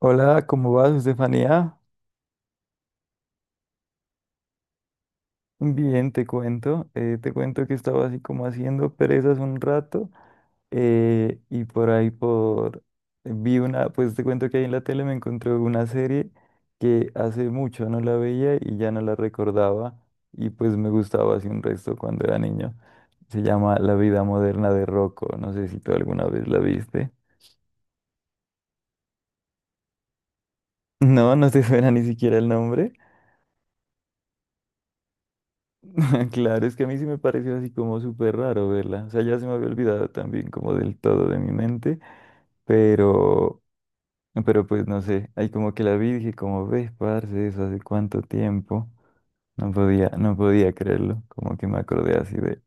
Hola, ¿cómo vas, Estefanía? Bien, te cuento. Te cuento que estaba así como haciendo perezas un rato, y por ahí por... Pues te cuento que ahí en la tele me encontré una serie que hace mucho no la veía y ya no la recordaba, y pues me gustaba así un resto cuando era niño. Se llama La vida moderna de Rocco. No sé si tú alguna vez la viste. No, no te suena ni siquiera el nombre. Claro, es que a mí sí me pareció así como súper raro verla. O sea, ya se me había olvidado también como del todo de mi mente, pero, pero pues no sé, ahí como que la vi y dije como, ves, parce, eso hace cuánto tiempo. No podía creerlo, como que me acordé así de,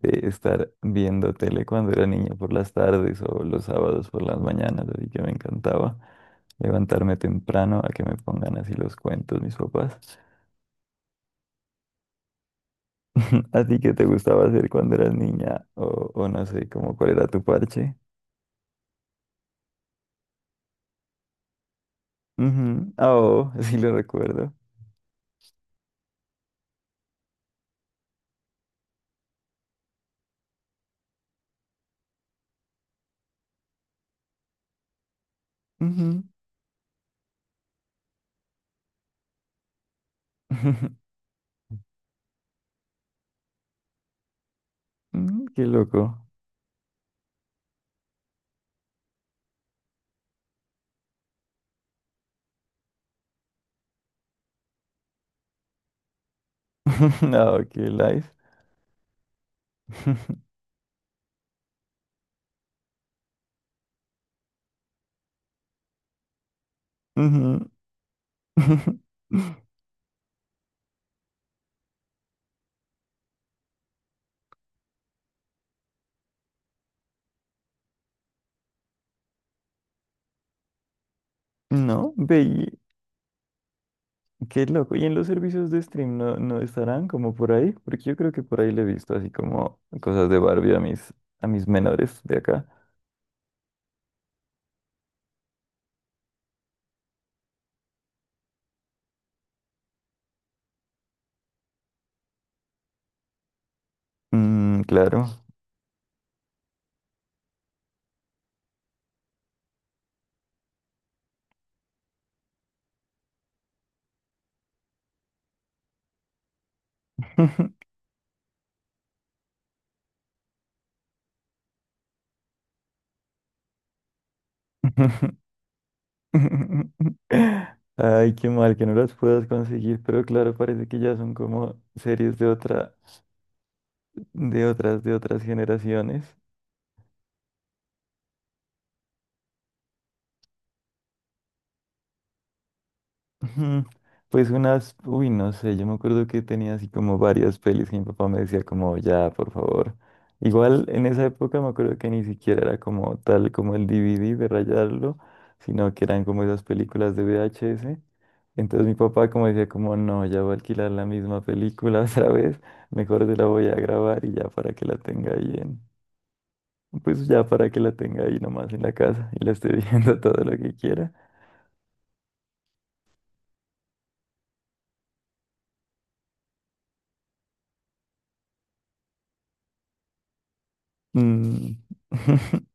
de estar viendo tele cuando era niño por las tardes o los sábados por las mañanas, así que me encantaba levantarme temprano a que me pongan así los cuentos mis papás. ¿A ti qué te gustaba hacer cuando eras niña? O no sé, como cuál era tu parche. Ujú. Ah, oh, sí lo recuerdo. Ujú. Mm, qué loco. No, qué life. Ujú. No, ve, y- qué loco. ¿Y en los servicios de stream no, no estarán como por ahí? Porque yo creo que por ahí le he visto así como cosas de Barbie a mis menores de acá. Mm, claro. Ay, qué mal que no las puedas conseguir, pero claro, parece que ya son como series de otra, de otras generaciones. Ujú. Pues unas, uy, no sé, yo me acuerdo que tenía así como varias pelis que mi papá me decía como, ya, por favor. Igual en esa época me acuerdo que ni siquiera era como tal como el DVD de rayarlo, sino que eran como esas películas de VHS. Entonces mi papá como decía como, no, ya voy a alquilar la misma película otra vez, mejor te la voy a grabar y ya para que la tenga ahí en, pues ya para que la tenga ahí nomás en la casa y la esté viendo todo lo que quiera. Mm.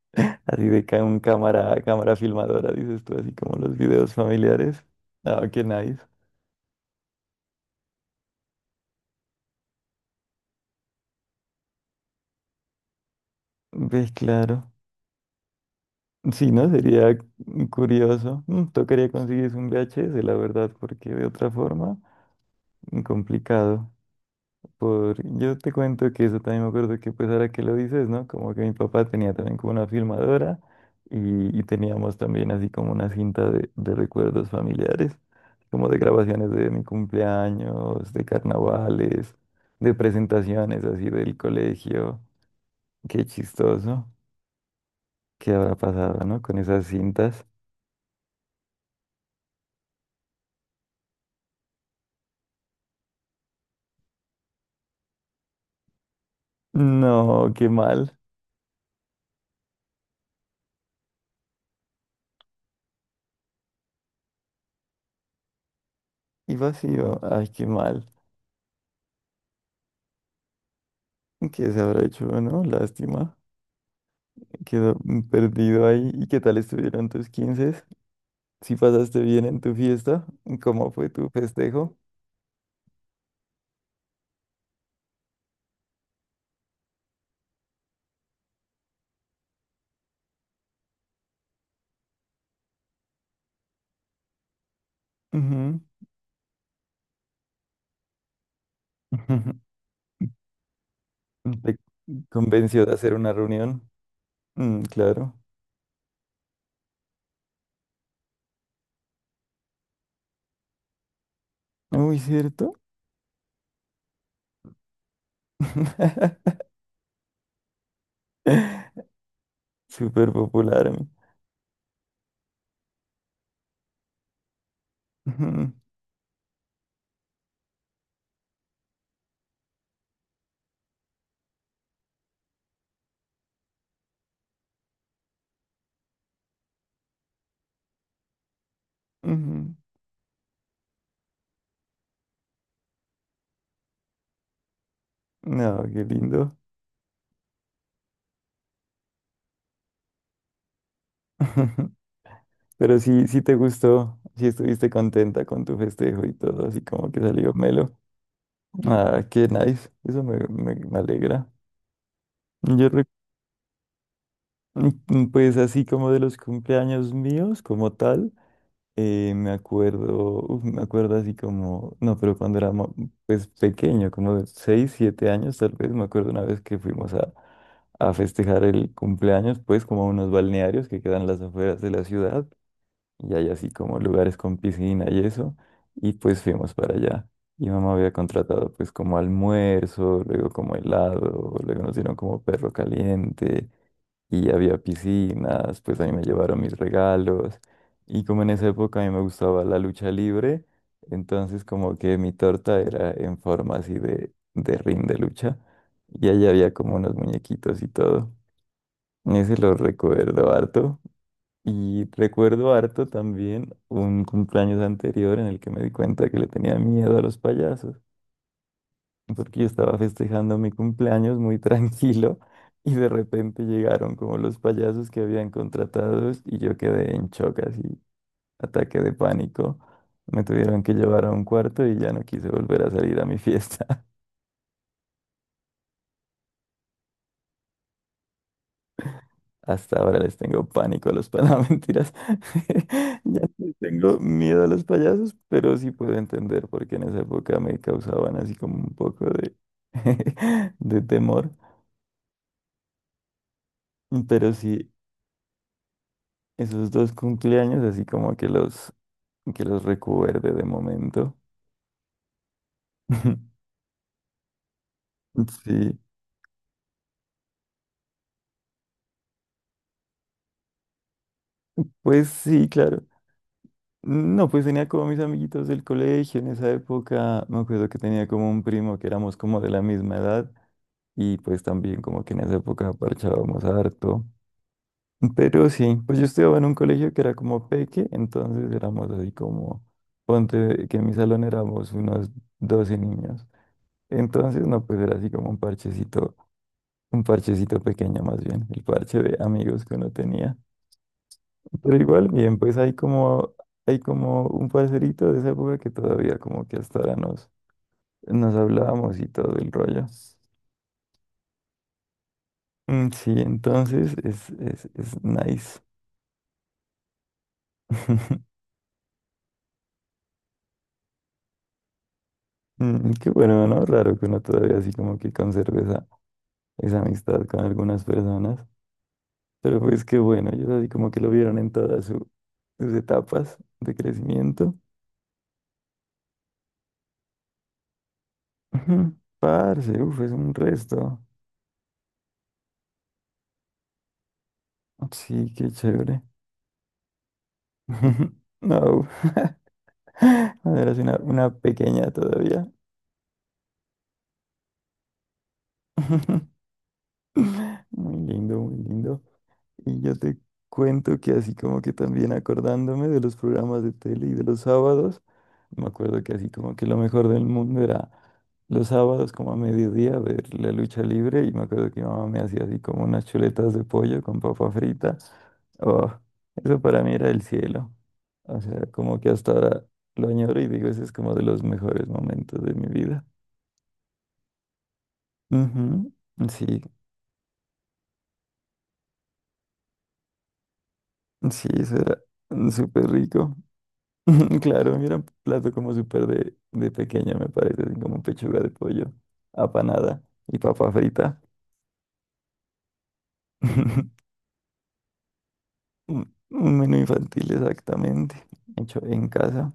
Así de ca- un cámara, cámara filmadora, dices tú, así como los videos familiares. Ah, qué nice. Ves, claro. Sí, ¿no? Sería curioso. Mm, tocaría conseguir un VHS, la verdad, porque de otra forma, complicado. Yo te cuento que eso también me acuerdo que pues ahora que lo dices, ¿no? Como que mi papá tenía también como una filmadora y teníamos también así como una cinta de recuerdos familiares, como de grabaciones de mi cumpleaños, de carnavales, de presentaciones así del colegio. Qué chistoso. ¿Qué habrá pasado, no? Con esas cintas. No, qué mal. Y vacío. Ay, qué mal. ¿Qué se habrá hecho, no? Lástima. Quedó perdido ahí. ¿Y qué tal estuvieron tus 15? ¿Si pasaste bien en tu fiesta? ¿Cómo fue tu festejo? Ujú. ¿Te convenció de hacer una reunión? Mm, claro. Uy, ¿cierto? Súper popular. Mi. Ujú, ujú. No, qué lindo. Pero sí, sí te gustó, sí estuviste contenta con tu festejo y todo, así como que salió melo. Ah, qué nice. Eso me alegra. Yo Mm, pues así como de los cumpleaños míos, como tal, me acuerdo, uf, me acuerdo así como, no, pero cuando era pues pequeño, como de 6, 7 años tal vez, me acuerdo una vez que fuimos a festejar el cumpleaños, pues como a unos balnearios que quedan a las afueras de la ciudad, y hay así como lugares con piscina y eso, y pues fuimos para allá. Y mamá había contratado pues como almuerzo, luego como helado, luego nos dieron como perro caliente y había piscinas, pues ahí me llevaron mis regalos. Y como en esa época a mí me gustaba la lucha libre, entonces como que mi torta era en forma así de ring de lucha. Y ahí había como unos muñequitos y todo. Ese lo recuerdo harto. Y recuerdo harto también un cumpleaños anterior en el que me di cuenta que le tenía miedo a los payasos, porque yo estaba festejando mi cumpleaños muy tranquilo y de repente llegaron como los payasos que habían contratados y yo quedé en shock, así, ataque de pánico. Me tuvieron que llevar a un cuarto y ya no quise volver a salir a mi fiesta. Hasta ahora les tengo pánico a los payasos, mentiras. Ya no les tengo miedo a los payasos, pero sí puedo entender por qué en esa época me causaban así como un poco de, de temor. Pero sí, esos dos cumpleaños, así como que que los recuerde de momento. Sí, pues sí, claro. No, pues tenía como mis amiguitos del colegio en esa época. Me acuerdo que tenía como un primo que éramos como de la misma edad y pues también como que en esa época parchábamos harto. Pero sí, pues yo estudiaba en un colegio que era como peque, entonces éramos así como, ponte que en mi salón éramos unos 12 niños. Entonces, no, pues era así como un parchecito. Un parchecito pequeño más bien, el parche de amigos que uno tenía. Pero igual, bien, pues hay como un parcerito de esa época que todavía como que hasta ahora nos hablábamos y todo el rollo. Mm, sí, entonces es nice. Mm, qué bueno, ¿no? Raro que uno todavía así como que conserve esa amistad con algunas personas. Pero pues qué bueno, ellos así como que lo vieron en todas sus etapas de crecimiento. Ujú, parce, uf, es un resto. Sí, qué chévere. No, cuando eras una pequeña todavía. Muy lindo, muy lindo. Y yo te cuento que así como que también acordándome de los programas de tele y de los sábados. Me acuerdo que así como que lo mejor del mundo era los sábados como a mediodía ver la lucha libre y me acuerdo que mi mamá me hacía así como unas chuletas de pollo con papa frita. Oh, eso para mí era el cielo. O sea, como que hasta ahora lo añoro y digo, ese es como de los mejores momentos de mi vida. Ujú, sí, sí, eso era súper rico. Claro, mira, un plato como súper de pequeño, me parece, así como pechuga de pollo, apanada y papa frita. Un menú infantil, exactamente. Hecho en casa.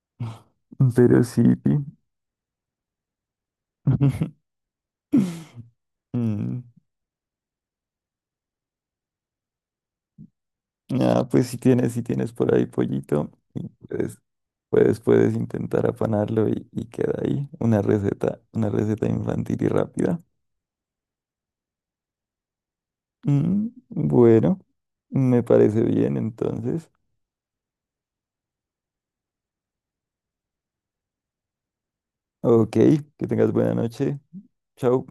Pero sí, pi. Mm, ah, pues si tienes por ahí pollito, y puedes intentar apanarlo y queda ahí. Una receta infantil y rápida. Mm, bueno, me parece bien entonces. Ok, que tengas buena noche. Chao.